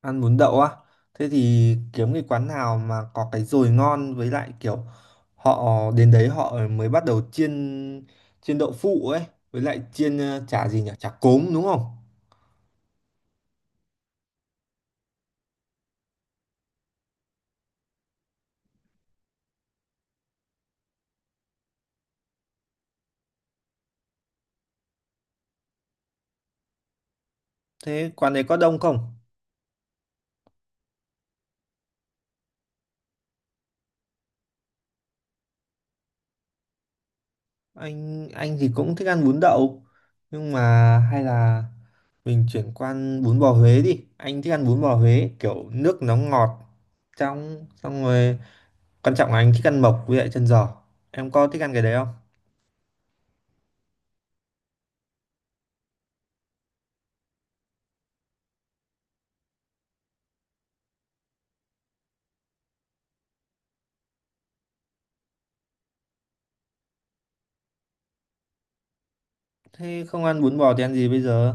Ăn bún đậu á? Thế thì kiếm cái quán nào mà có cái dồi ngon, với lại kiểu họ đến đấy họ mới bắt đầu chiên chiên đậu phụ ấy, với lại chiên chả gì nhỉ, chả cốm đúng không? Thế quán đấy có đông không? Anh thì cũng thích ăn bún đậu, nhưng mà hay là mình chuyển qua ăn bún bò Huế đi. Anh thích ăn bún bò Huế kiểu nước nó ngọt trong. Xong rồi quan trọng là anh thích ăn mộc với lại chân giò. Em có thích ăn cái đấy không? Thế không ăn bún bò thì ăn gì bây giờ?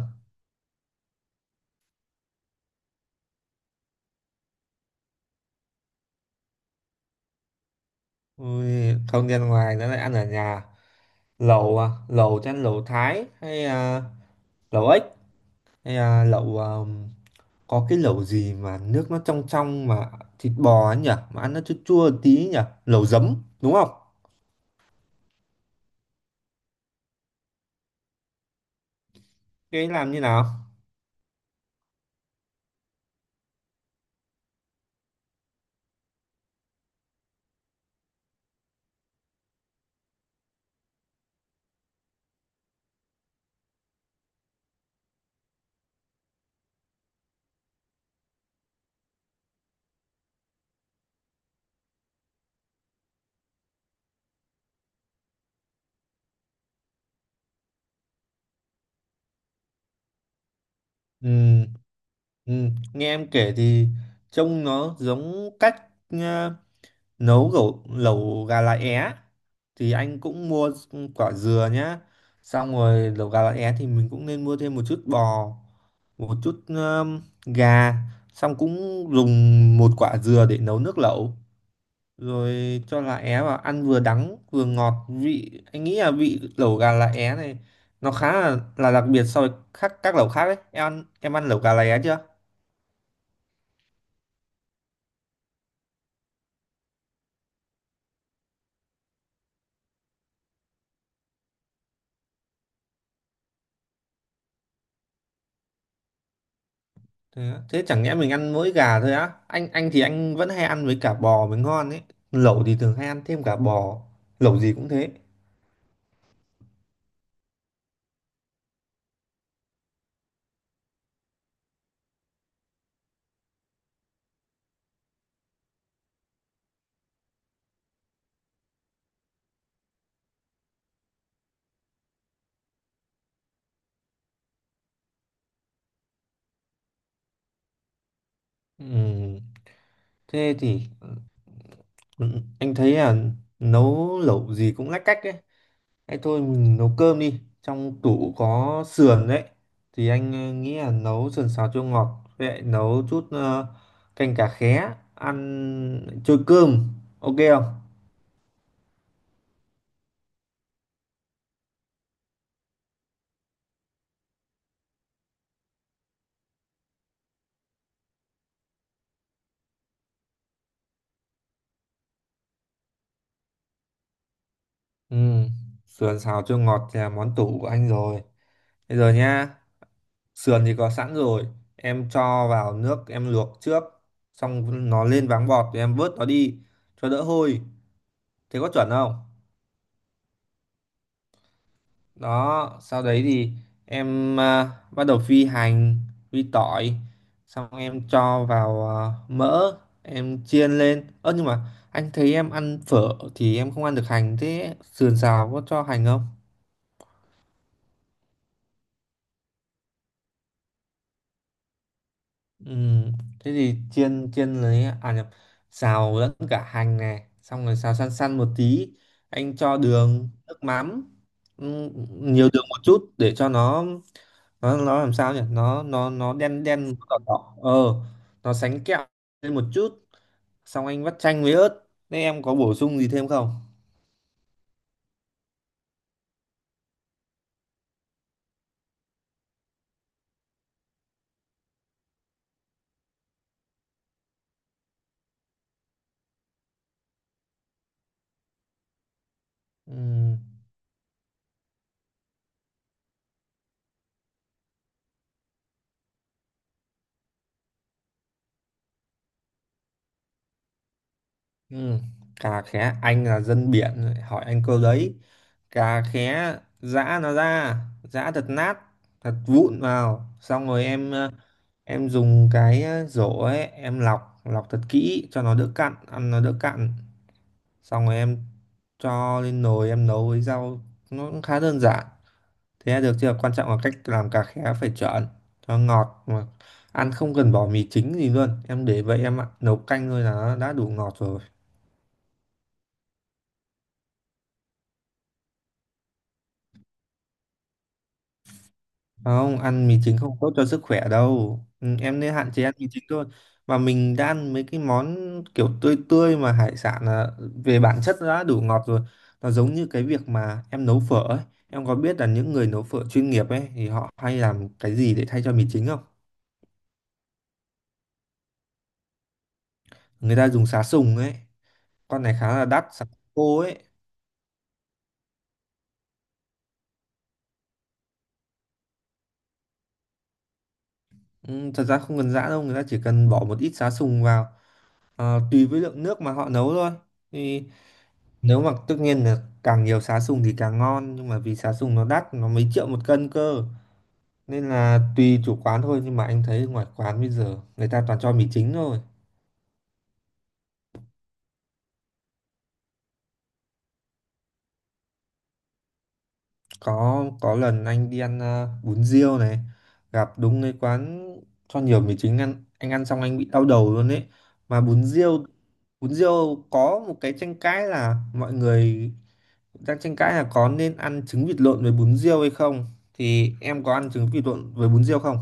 Ui, không đi ăn ngoài nữa lại ăn ở nhà lẩu à? Lẩu chắc lẩu Thái hay à, lẩu ếch hay à, lẩu à, có cái lẩu gì mà nước nó trong trong mà thịt bò ấy nhỉ, mà ăn nó chua chua tí nhỉ, lẩu giấm đúng không? Cái ấy làm như nào? Ừ, ừ. Nghe em kể thì trông nó giống cách à, nấu lẩu lẩu gà lá é thì anh cũng mua quả dừa nhá. Xong rồi lẩu gà lá é thì mình cũng nên mua thêm một chút bò, một chút gà. Xong cũng dùng một quả dừa để nấu nước lẩu, rồi cho lá é vào, ăn vừa đắng vừa ngọt vị. Anh nghĩ là vị lẩu gà lá é này nó khá là đặc biệt so với các lẩu khác đấy. Em ăn lẩu gà lá é chưa? Thế chẳng nhẽ mình ăn mỗi gà thôi á? Anh vẫn hay ăn với cả bò mới ngon ấy. Lẩu thì thường hay ăn thêm cả bò, lẩu gì cũng thế. Ừm, thế thì ừ, anh thấy là nấu lẩu gì cũng lách cách ấy. Thế thôi mình nấu cơm đi. Trong tủ có sườn đấy. Thì anh nghĩ là nấu sườn xào chua ngọt, với lại nấu chút canh cá khé ăn trôi cơm. Ok không? Ừ. Sườn xào chua ngọt thì là món tủ của anh rồi. Bây giờ nhá. Sườn thì có sẵn rồi. Em cho vào nước em luộc trước. Xong nó lên váng bọt thì em vớt nó đi, cho đỡ hôi. Thế có chuẩn không? Đó, sau đấy thì em bắt đầu phi hành, phi tỏi. Xong em cho vào mỡ, em chiên lên. Ơ nhưng mà anh thấy em ăn phở thì em không ăn được hành, thế sườn xào có cho hành không? Ừ, thế thì chiên chiên lấy à nhập, xào lẫn cả hành này, xong rồi xào săn săn một tí. Anh cho đường nước mắm. ừ. Nhiều đường một chút để cho nó, nó làm sao nhỉ, nó đen đen đỏ đỏ nó sánh kẹo lên một chút. Xong anh vắt chanh với ớt. Thế em có bổ sung gì thêm không? Ừ. Ừ. Cà khé anh là dân biển lại hỏi anh câu đấy. Cà khé giã nó ra, giã thật nát, thật vụn vào. Xong rồi em dùng cái rổ ấy, em lọc lọc thật kỹ cho nó đỡ cặn, ăn nó đỡ cặn. Xong rồi em cho lên nồi em nấu với rau, nó cũng khá đơn giản. Thế là được chưa? Quan trọng là cách làm cà khé phải chuẩn cho ngọt, mà ăn không cần bỏ mì chính gì luôn, em để vậy em ạ. Nấu canh thôi là nó đã đủ ngọt rồi. Không ăn mì chính không tốt cho sức khỏe đâu. Ừ, em nên hạn chế ăn mì chính thôi. Mà mình đã ăn mấy cái món kiểu tươi tươi mà hải sản là về bản chất nó đã đủ ngọt rồi. Nó giống như cái việc mà em nấu phở ấy. Em có biết là những người nấu phở chuyên nghiệp ấy thì họ hay làm cái gì để thay cho mì chính không? Người ta dùng sá sùng ấy, con này khá là đắt. Sá khô ấy. Ừ, thật ra không cần giã đâu, người ta chỉ cần bỏ một ít sá sùng vào, tùy với lượng nước mà họ nấu thôi. Thì nếu mà tất nhiên là càng nhiều sá sùng thì càng ngon, nhưng mà vì sá sùng nó đắt, nó mấy triệu một cân cơ, nên là tùy chủ quán thôi. Nhưng mà anh thấy ngoài quán bây giờ người ta toàn cho mì chính thôi. Có lần anh đi ăn bún riêu này, gặp đúng cái quán cho nhiều mì chính, ăn anh ăn xong anh bị đau đầu luôn ấy. Mà bún riêu có một cái tranh cãi là mọi người đang tranh cãi là có nên ăn trứng vịt lộn với bún riêu hay không. Thì em có ăn trứng vịt lộn với bún riêu không?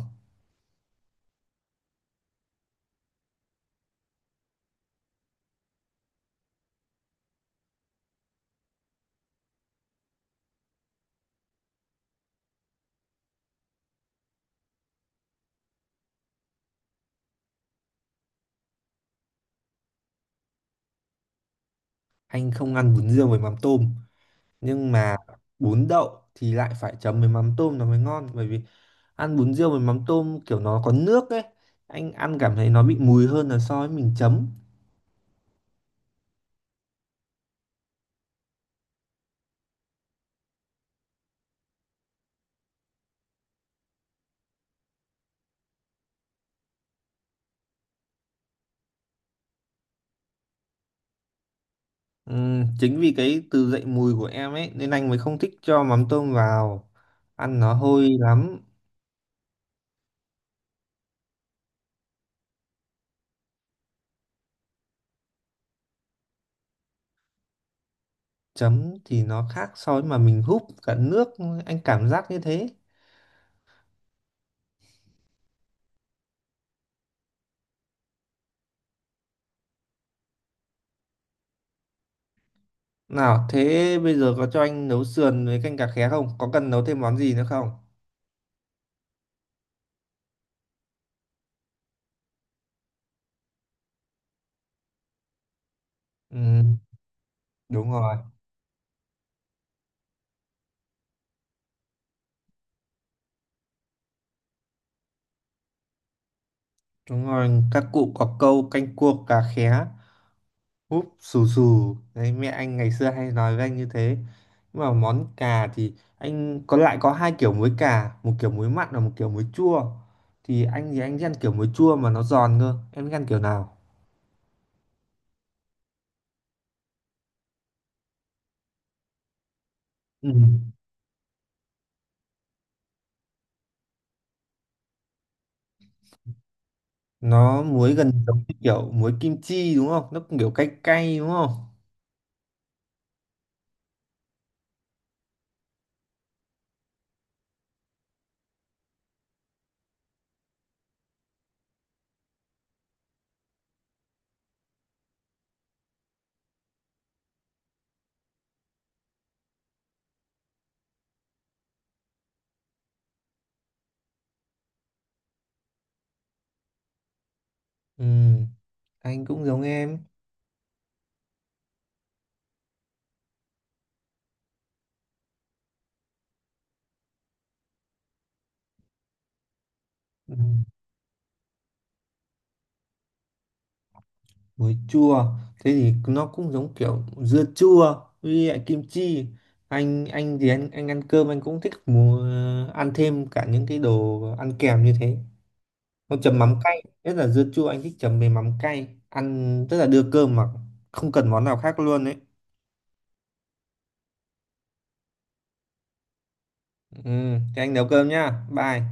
Anh không ăn bún riêu với mắm tôm. Nhưng mà bún đậu thì lại phải chấm với mắm tôm nó mới ngon, bởi vì ăn bún riêu với mắm tôm kiểu nó có nước ấy, anh ăn cảm thấy nó bị mùi hơn là so với mình chấm. Chính vì cái từ dậy mùi của em ấy nên anh mới không thích cho mắm tôm vào, ăn nó hôi lắm. Chấm thì nó khác so với mà mình húp cả nước, anh cảm giác như thế. Nào, thế bây giờ có cho anh nấu sườn với canh cà khé không, có cần nấu thêm món gì nữa không? Ừm, đúng rồi. Đúng rồi, các cụ có câu canh cua cá khé, úp xù xù. Đấy, mẹ anh ngày xưa hay nói với anh như thế. Nhưng mà món cà thì anh lại có hai kiểu muối cà, một kiểu muối mặn và một kiểu muối chua. Thì anh thích ăn kiểu muối chua mà nó giòn cơ. Em thích ăn kiểu nào? Ừ. Nó muối gần giống như kiểu muối kim chi đúng không? Nó cũng kiểu cay cay đúng không? Ừ, anh cũng giống em. Ừ. Muối chua thế thì nó cũng giống kiểu dưa chua với lại kim chi. Anh thì anh ăn cơm, anh cũng thích ăn thêm cả những cái đồ ăn kèm như thế. Nó chấm mắm cay, nhất là dưa chua anh thích chấm với mắm cay ăn, tức là đưa cơm mà không cần món nào khác luôn đấy. Ừ, thế anh nấu cơm nhá. Bye.